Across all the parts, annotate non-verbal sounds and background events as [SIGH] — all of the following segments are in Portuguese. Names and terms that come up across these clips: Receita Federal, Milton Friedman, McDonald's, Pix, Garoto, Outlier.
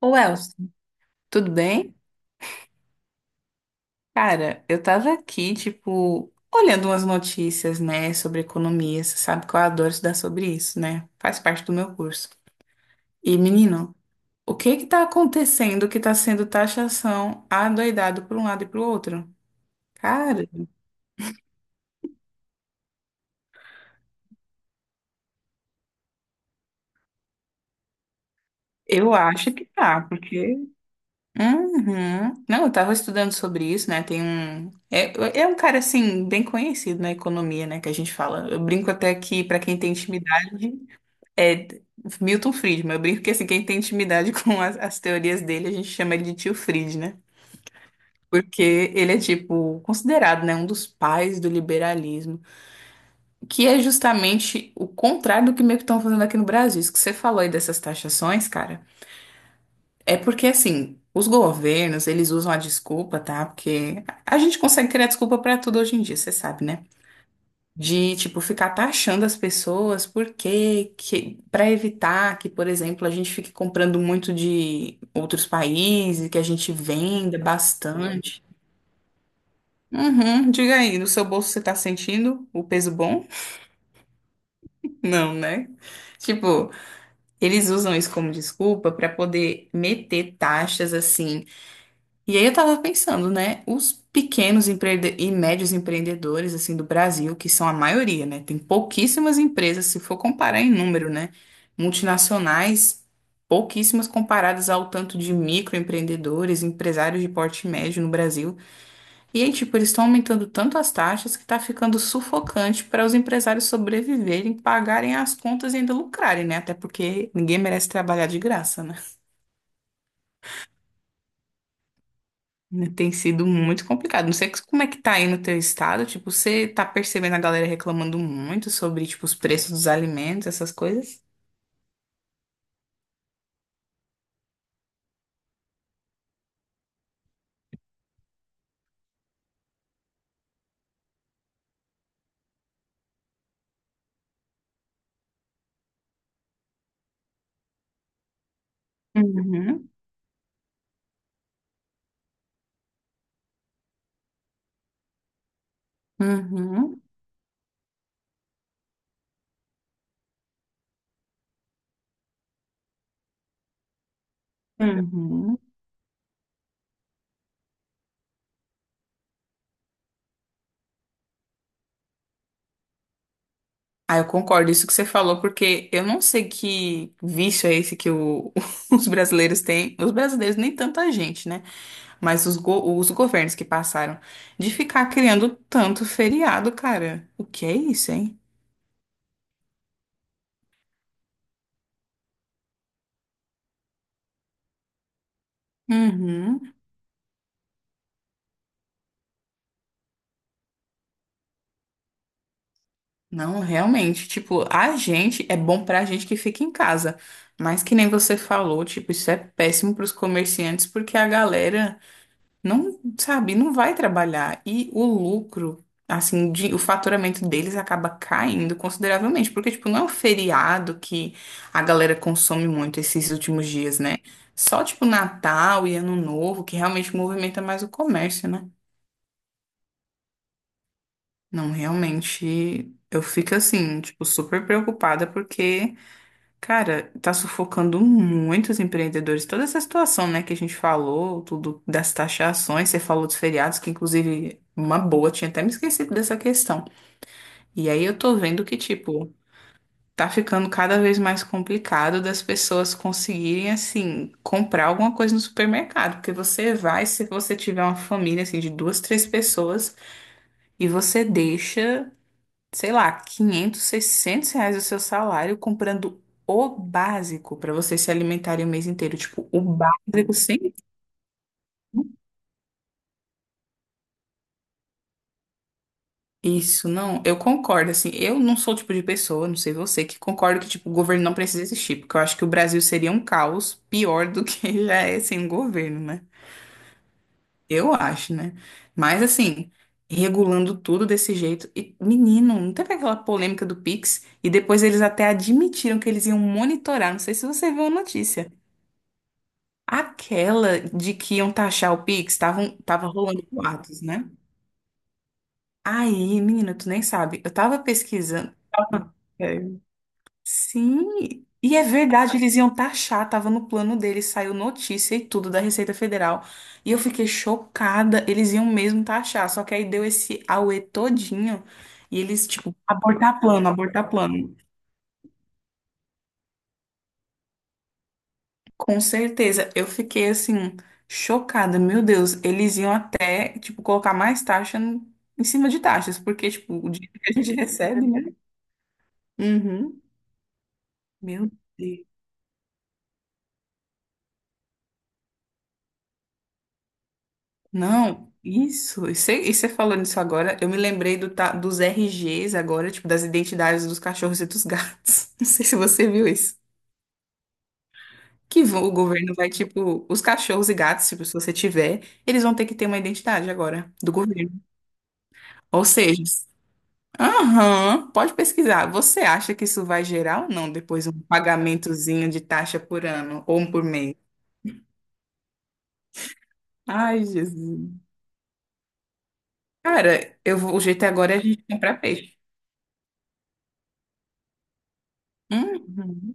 Ô, Elson, tudo bem? Cara, eu tava aqui, tipo, olhando umas notícias, né, sobre economia. Você sabe que eu adoro estudar sobre isso, né? Faz parte do meu curso. E, menino, o que que tá acontecendo que tá sendo taxação adoidado por um lado e pro outro? Cara, eu acho que tá, porque. Uhum. Não, eu tava estudando sobre isso, né? Tem um. É um cara, assim, bem conhecido na economia, né, que a gente fala. Eu brinco até que, pra quem tem intimidade. É Milton Friedman. Eu brinco que assim, quem tem intimidade [LAUGHS] com as teorias dele, a gente chama ele de tio Fried, né? Porque ele é, tipo, considerado, né, um dos pais do liberalismo, que é justamente o contrário do que meio que estão fazendo aqui no Brasil. Isso que você falou aí dessas taxações, cara, é porque, assim, os governos, eles usam a desculpa, tá? Porque a gente consegue criar desculpa pra tudo hoje em dia, você sabe, né? De tipo ficar taxando as pessoas porque que para evitar que, por exemplo, a gente fique comprando muito de outros países, que a gente venda bastante. Uhum, diga aí, no seu bolso você tá sentindo o peso bom? [LAUGHS] Não, né? Tipo, eles usam isso como desculpa para poder meter taxas assim. E aí eu tava pensando, né? Os pequenos e médios empreendedores, assim, do Brasil, que são a maioria, né? Tem pouquíssimas empresas, se for comparar em número, né? Multinacionais, pouquíssimas comparadas ao tanto de microempreendedores, empresários de porte médio no Brasil. E aí, tipo, eles estão aumentando tanto as taxas que tá ficando sufocante para os empresários sobreviverem, pagarem as contas e ainda lucrarem, né? Até porque ninguém merece trabalhar de graça, né? Né, tem sido muito complicado. Não sei como é que tá aí no teu estado. Tipo, você tá percebendo a galera reclamando muito sobre, tipo, os preços dos alimentos, essas coisas? Uhum, uhum, uhum. Ah, eu concordo isso que você falou, porque eu não sei que vício é esse que [LAUGHS] os brasileiros têm. Os brasileiros, nem tanta gente, né? Mas os governos que passaram de ficar criando tanto feriado, cara. O que é isso, hein? Uhum. Não, realmente, tipo, a gente é bom pra gente que fica em casa, mas que nem você falou, tipo, isso é péssimo pros comerciantes porque a galera não, sabe, não vai trabalhar e o lucro, assim, o faturamento deles acaba caindo consideravelmente, porque tipo, não é um feriado que a galera consome muito esses últimos dias, né? Só tipo Natal e Ano Novo que realmente movimenta mais o comércio, né? Não, realmente, eu fico assim, tipo, super preocupada porque, cara, tá sufocando muitos empreendedores. Toda essa situação, né, que a gente falou, tudo das taxações, você falou dos feriados, que inclusive uma boa, tinha até me esquecido dessa questão. E aí eu tô vendo que, tipo, tá ficando cada vez mais complicado das pessoas conseguirem, assim, comprar alguma coisa no supermercado. Porque você vai, se você tiver uma família, assim, de duas, três pessoas, e você deixa sei lá, 500, 600 reais o seu salário comprando o básico para vocês se alimentarem o mês inteiro. Tipo, o básico sem isso, não. Eu concordo, assim. Eu não sou o tipo de pessoa, não sei você, que concordo que, tipo, o governo não precisa existir, porque eu acho que o Brasil seria um caos pior do que [LAUGHS] já é sem o governo, né? Eu acho, né? Mas, assim. Regulando tudo desse jeito. E, menino, não teve aquela polêmica do Pix? E depois eles até admitiram que eles iam monitorar. Não sei se você viu a notícia. Aquela de que iam taxar o Pix, tava rolando boatos, né? Aí, menina, tu nem sabe. Eu tava pesquisando. É. Sim, e é verdade, eles iam taxar, tava no plano deles, saiu notícia e tudo da Receita Federal. E eu fiquei chocada, eles iam mesmo taxar, só que aí deu esse auê todinho e eles, tipo, abortar plano, abortar plano. Com certeza, eu fiquei assim, chocada. Meu Deus, eles iam até, tipo, colocar mais taxa em cima de taxas, porque, tipo, o dinheiro que a gente [LAUGHS] recebe, né? Uhum. Meu Deus. Não, isso. E você falando isso agora, eu me lembrei dos RGs agora, tipo, das identidades dos cachorros e dos gatos. [LAUGHS] Não sei se você viu isso. O governo vai, tipo, os cachorros e gatos, tipo, se você tiver, eles vão ter que ter uma identidade agora do governo. Ou seja, aham, pode pesquisar. Você acha que isso vai gerar ou não depois um pagamentozinho de taxa por ano ou um por mês? Ai, Jesus. Cara, o jeito agora é a gente comprar peixe. Uhum,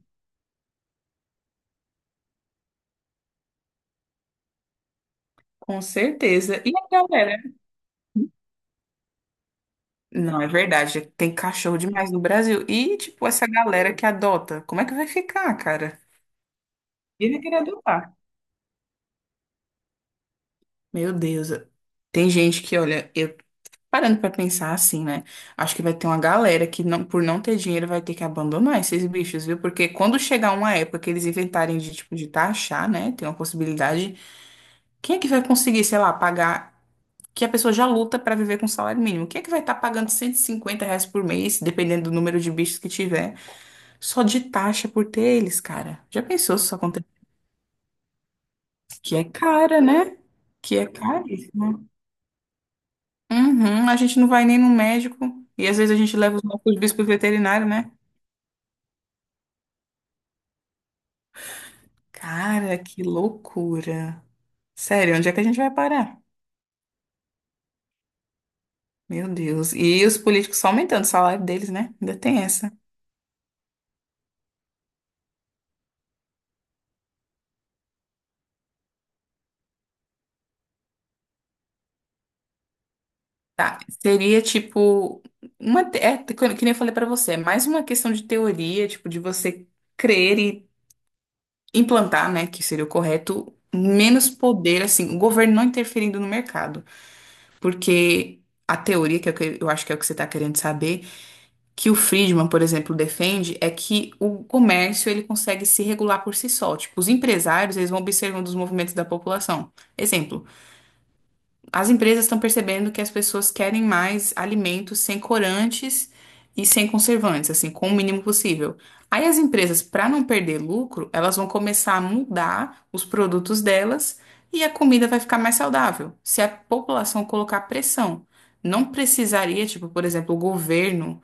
com certeza. E a galera? Não, é verdade. Tem cachorro demais no Brasil. E, tipo, essa galera que adota, como é que vai ficar, cara? Ele queria adotar. Meu Deus, tem gente que, olha, eu parando pra pensar assim, né? Acho que vai ter uma galera que não, por não ter dinheiro vai ter que abandonar esses bichos, viu? Porque quando chegar uma época que eles inventarem de tipo de taxar, né? Tem uma possibilidade. Quem é que vai conseguir, sei lá, pagar que a pessoa já luta pra viver com salário mínimo? Quem é que vai estar pagando R$ 150 por mês, dependendo do número de bichos que tiver, só de taxa por ter eles, cara? Já pensou se isso acontece? Que é cara, né? Que é caro. Uhum, a gente não vai nem no médico. E às vezes a gente leva os nossos bichos pro veterinário, né? Cara, que loucura. Sério, onde é que a gente vai parar? Meu Deus. E os políticos só aumentando o salário deles, né? Ainda tem essa. Tá, seria tipo que nem eu falei pra você, é mais uma questão de teoria, tipo de você crer e implantar, né, que seria o correto, menos poder assim, o governo não interferindo no mercado, porque a teoria que é o que eu acho que é o que você tá querendo saber que o Friedman, por exemplo, defende é que o comércio ele consegue se regular por si só. Tipo, os empresários, eles vão observando os movimentos da população. Exemplo, as empresas estão percebendo que as pessoas querem mais alimentos sem corantes e sem conservantes, assim, com o mínimo possível. Aí as empresas, para não perder lucro, elas vão começar a mudar os produtos delas e a comida vai ficar mais saudável. Se a população colocar pressão, não precisaria, tipo, por exemplo, o governo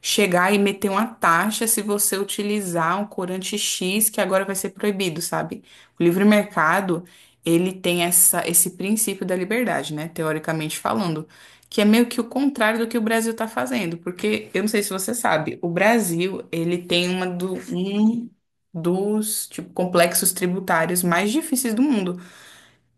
chegar e meter uma taxa se você utilizar um corante X que agora vai ser proibido, sabe? O livre mercado, ele tem esse princípio da liberdade, né? Teoricamente falando, que é meio que o contrário do que o Brasil está fazendo, porque eu não sei se você sabe, o Brasil, ele tem um dos, tipo, complexos tributários mais difíceis do mundo.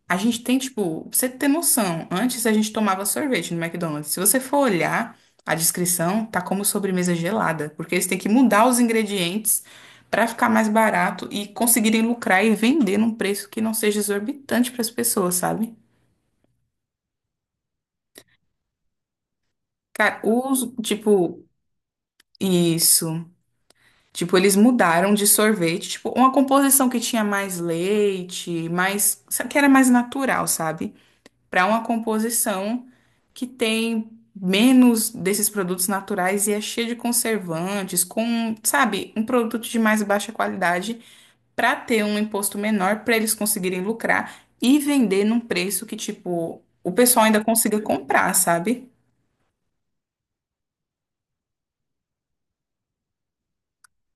A gente tem, tipo, pra você ter noção, antes a gente tomava sorvete no McDonald's. Se você for olhar a descrição, tá como sobremesa gelada, porque eles têm que mudar os ingredientes pra ficar mais barato e conseguirem lucrar e vender num preço que não seja exorbitante pras pessoas, sabe? Cara, os, tipo, isso. Tipo, eles mudaram de sorvete, tipo, uma composição que tinha mais leite, mais, sabe, que era mais natural, sabe? Para uma composição que tem menos desses produtos naturais e é cheia de conservantes, com, sabe, um produto de mais baixa qualidade para ter um imposto menor, para eles conseguirem lucrar e vender num preço que, tipo, o pessoal ainda consiga comprar, sabe?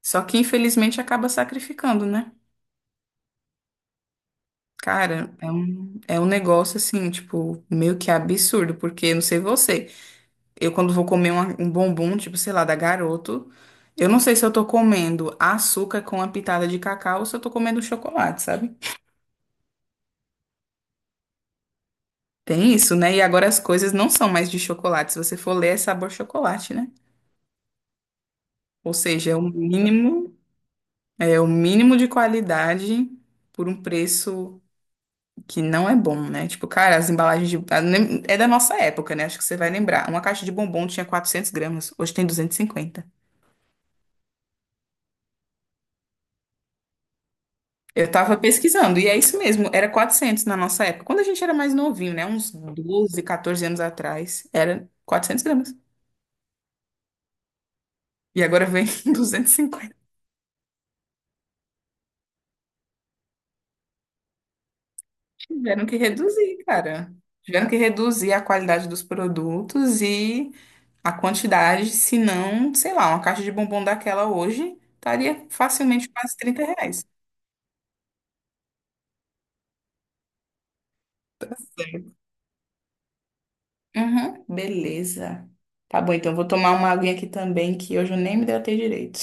Só que infelizmente acaba sacrificando, né? Cara, é um negócio assim, tipo, meio que absurdo, porque não sei você. Eu, quando vou comer um bombom, tipo, sei lá, da Garoto, eu não sei se eu tô comendo açúcar com uma pitada de cacau ou se eu tô comendo chocolate, sabe? Tem isso, né? E agora as coisas não são mais de chocolate. Se você for ler, é sabor chocolate, né? Ou seja, é o mínimo de qualidade por um preço que não é bom, né? Tipo, cara, as embalagens de... a- nem- É da nossa época, né? Acho que você vai lembrar. Uma caixa de bombom tinha 400 gramas, hoje tem 250. Eu tava pesquisando, e é isso mesmo, era 400 na nossa época. Quando a gente era mais novinho, né? Uns 12, 14 anos atrás, era 400 gramas. E agora vem [LAUGHS] 250. Tiveram que reduzir, cara. Tiveram que reduzir a qualidade dos produtos e a quantidade, senão, sei lá, uma caixa de bombom daquela hoje estaria facilmente quase R$ 30. Uhum, beleza. Tá bom, então vou tomar uma aguinha aqui também, que hoje eu nem me deu direito.